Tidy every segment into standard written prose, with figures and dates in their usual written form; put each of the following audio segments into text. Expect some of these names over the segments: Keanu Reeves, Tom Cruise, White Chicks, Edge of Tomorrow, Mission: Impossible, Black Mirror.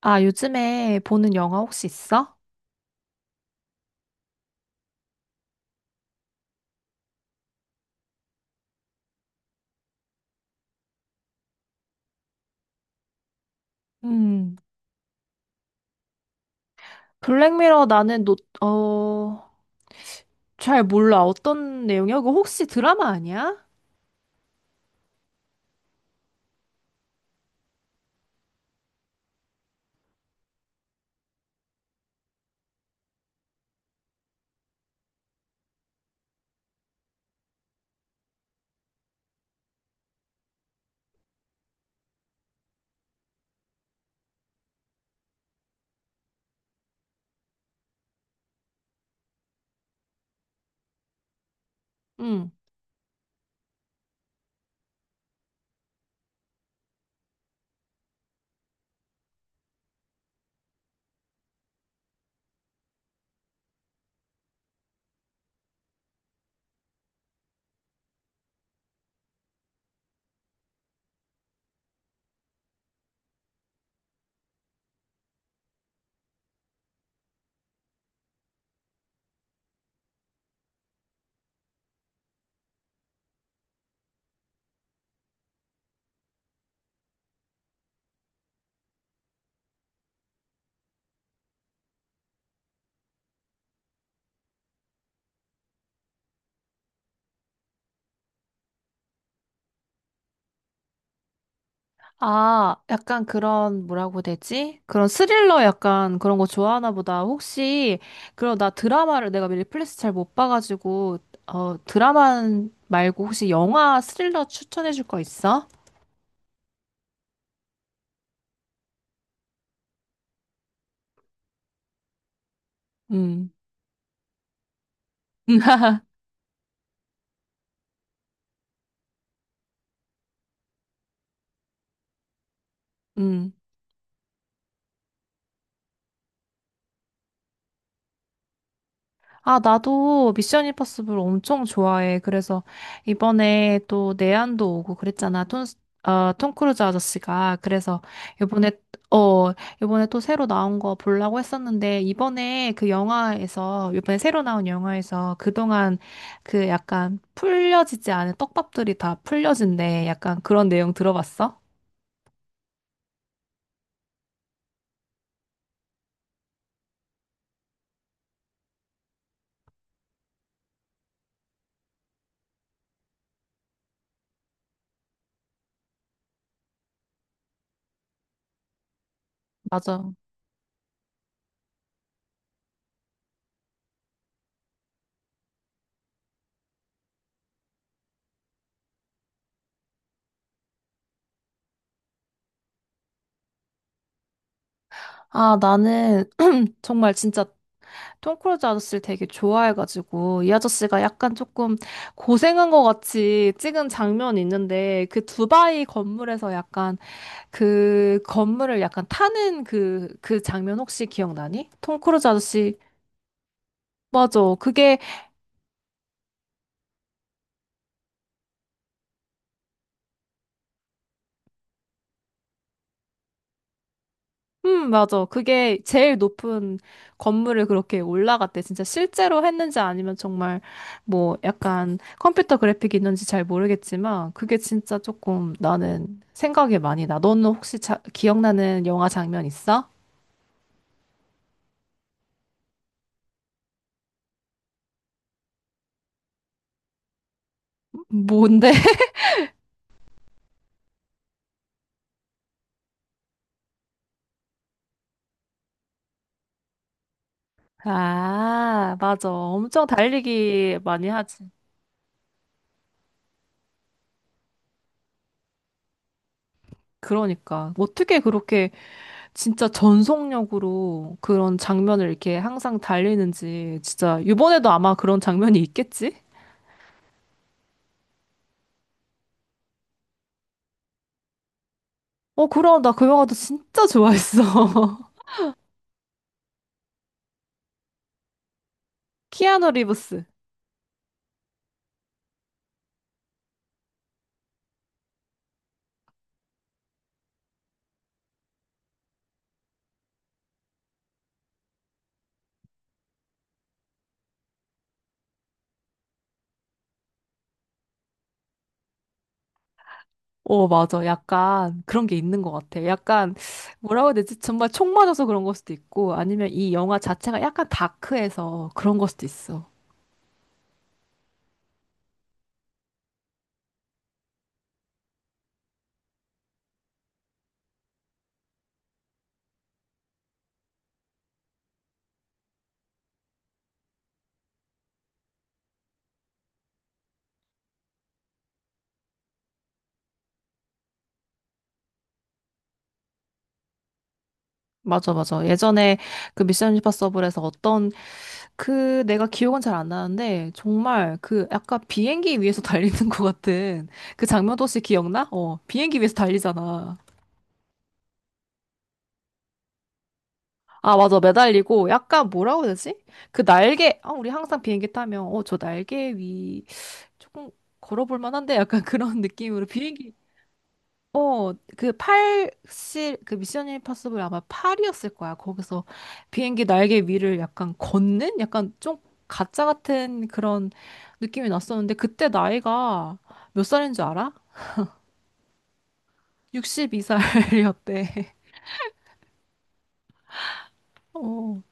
아, 요즘에 보는 영화 혹시 있어? 음, 블랙미러 나는 노, 잘 몰라. 어떤 내용이야? 그거 혹시 드라마 아니야? 음, 아, 약간 그런, 뭐라고 되지? 그런 스릴러 약간 그런 거 좋아하나 보다. 혹시, 그럼 나 드라마를 내가 넷플릭스 잘 못 봐가지고, 어, 드라마 말고 혹시 영화 스릴러 추천해줄 거 있어? 음. 음, 아, 나도 미션 임파서블 엄청 좋아해. 그래서 이번에 또 내한도 오고 그랬잖아. 톰, 톰 크루즈 아저씨가. 그래서 이번에, 어, 이번에 또 새로 나온 거 보려고 했었는데, 이번에 그 영화에서, 이번에 새로 나온 영화에서 그동안 그 약간 풀려지지 않은 떡밥들이 다 풀려진대. 약간 그런 내용 들어봤어? 맞아. 아, 나는 정말 진짜 톰 크루즈 아저씨를 되게 좋아해가지고 이 아저씨가 약간 조금 고생한 것 같이 찍은 장면이 있는데 그 두바이 건물에서 약간 그 건물을 약간 타는 그, 그 장면 혹시 기억나니? 톰 크루즈 아저씨 맞아. 그게 맞아. 그게 제일 높은 건물을 그렇게 올라갔대. 진짜 실제로 했는지 아니면 정말 뭐 약간 컴퓨터 그래픽이 있는지 잘 모르겠지만 그게 진짜 조금 나는 생각이 많이 나. 너는 혹시 자, 기억나는 영화 장면 있어? 뭔데? 아, 맞아. 엄청 달리기 많이 하지. 그러니까 어떻게 그렇게 진짜 전속력으로 그런 장면을 이렇게 항상 달리는지 진짜 이번에도 아마 그런 장면이 있겠지? 어, 그럼 나 그 영화도 진짜 좋아했어. 키아누 리브스. 어, 맞아. 약간 그런 게 있는 것 같아. 약간 뭐라고 해야 되지? 정말 총 맞아서 그런 걸 수도 있고 아니면 이 영화 자체가 약간 다크해서 그런 걸 수도 있어. 맞아, 맞아. 예전에 그 미션 임파서블에서 어떤 그 내가 기억은 잘 안 나는데 정말 그 약간 비행기 위에서 달리는 것 같은 그 장면도 혹시 기억나? 어, 비행기 위에서 달리잖아. 아, 맞아. 매달리고 약간 뭐라고 해야 되지? 그 날개, 아, 우리 항상 비행기 타면, 어, 저 날개 위 조금 걸어볼 만한데? 약간 그런 느낌으로 비행기, 어, 그 팔, 실, 그 미션 임파서블 아마 팔이었을 거야. 거기서 비행기 날개 위를 약간 걷는? 약간 좀 가짜 같은 그런 느낌이 났었는데, 그때 나이가 몇 살인 줄 알아? 62살이었대. 어,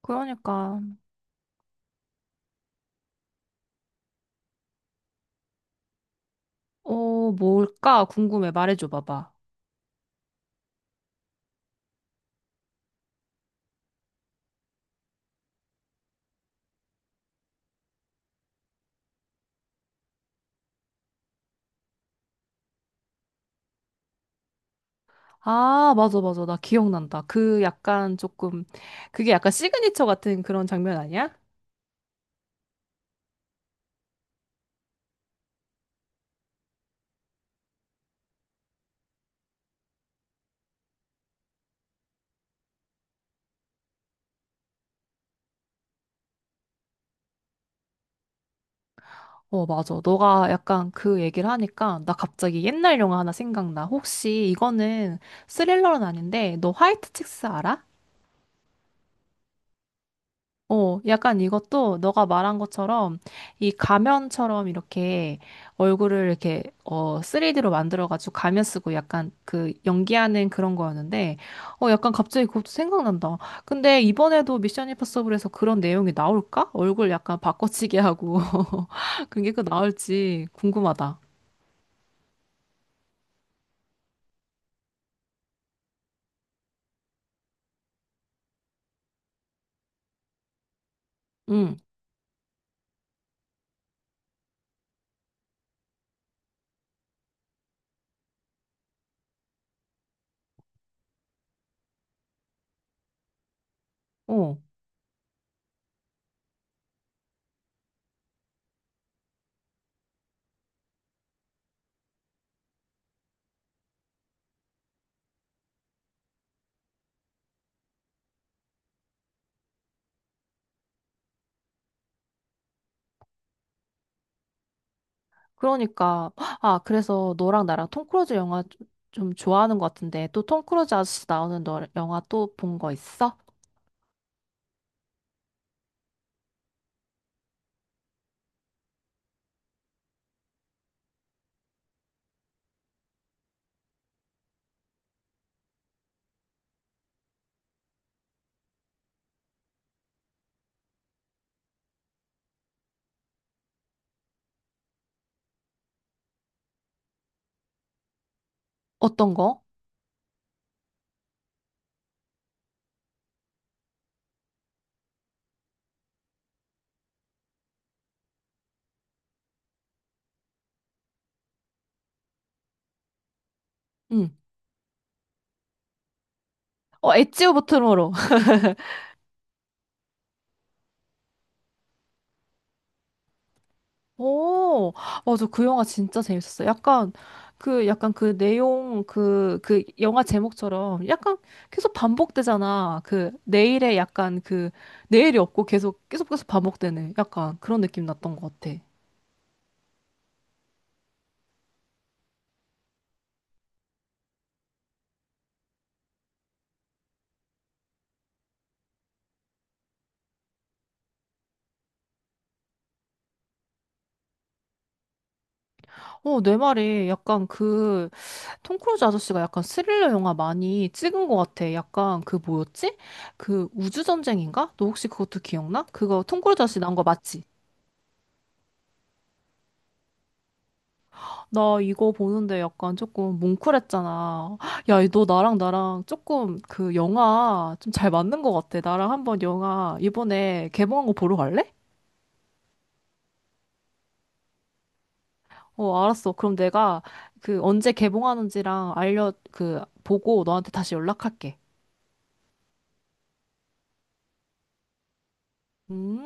그러니까, 어, 뭘까? 궁금해. 말해줘 봐봐. 아, 맞아, 맞아. 나 기억난다. 그 약간 조금, 그게 약간 시그니처 같은 그런 장면 아니야? 어, 맞아. 너가 약간 그 얘기를 하니까 나 갑자기 옛날 영화 하나 생각나. 혹시 이거는 스릴러는 아닌데, 너 화이트 칙스 알아? 어, 약간 이것도 너가 말한 것처럼 이 가면처럼 이렇게 얼굴을 이렇게 어 3D로 만들어가지고 가면 쓰고 약간 그 연기하는 그런 거였는데 어 약간 갑자기 그것도 생각난다. 근데 이번에도 미션 임파서블에서 그런 내용이 나올까? 얼굴 약간 바꿔치기 하고 그게 그 나올지 궁금하다. 응, 어. 그러니까 아 그래서 너랑 나랑 톰 크루즈 영화 좀 좋아하는 것 같은데 또 톰 크루즈 아저씨 나오는 너 영화 또 본 거 있어? 어떤 거? 응. 어, 엣지오 버트모로. 오, 맞아. 그 영화 진짜 재밌었어. 약간, 그, 약간 그 내용, 그, 그 영화 제목처럼 약간 계속 반복되잖아. 그, 내일에 약간 그, 내일이 없고 계속, 계속 계속 반복되는 약간 그런 느낌 났던 것 같아. 어, 내 말이 약간 그, 톰 크루즈 아저씨가 약간 스릴러 영화 많이 찍은 것 같아. 약간 그 뭐였지? 그 우주전쟁인가? 너 혹시 그것도 기억나? 그거 톰 크루즈 아저씨 나온 거 맞지? 나 이거 보는데 약간 조금 뭉클했잖아. 야, 너 나랑 나랑 조금 그 영화 좀 잘 맞는 것 같아. 나랑 한번 영화 이번에 개봉한 거 보러 갈래? 어, 알았어. 그럼 내가 그 언제 개봉하는지랑 알려, 그, 보고 너한테 다시 연락할게. 음.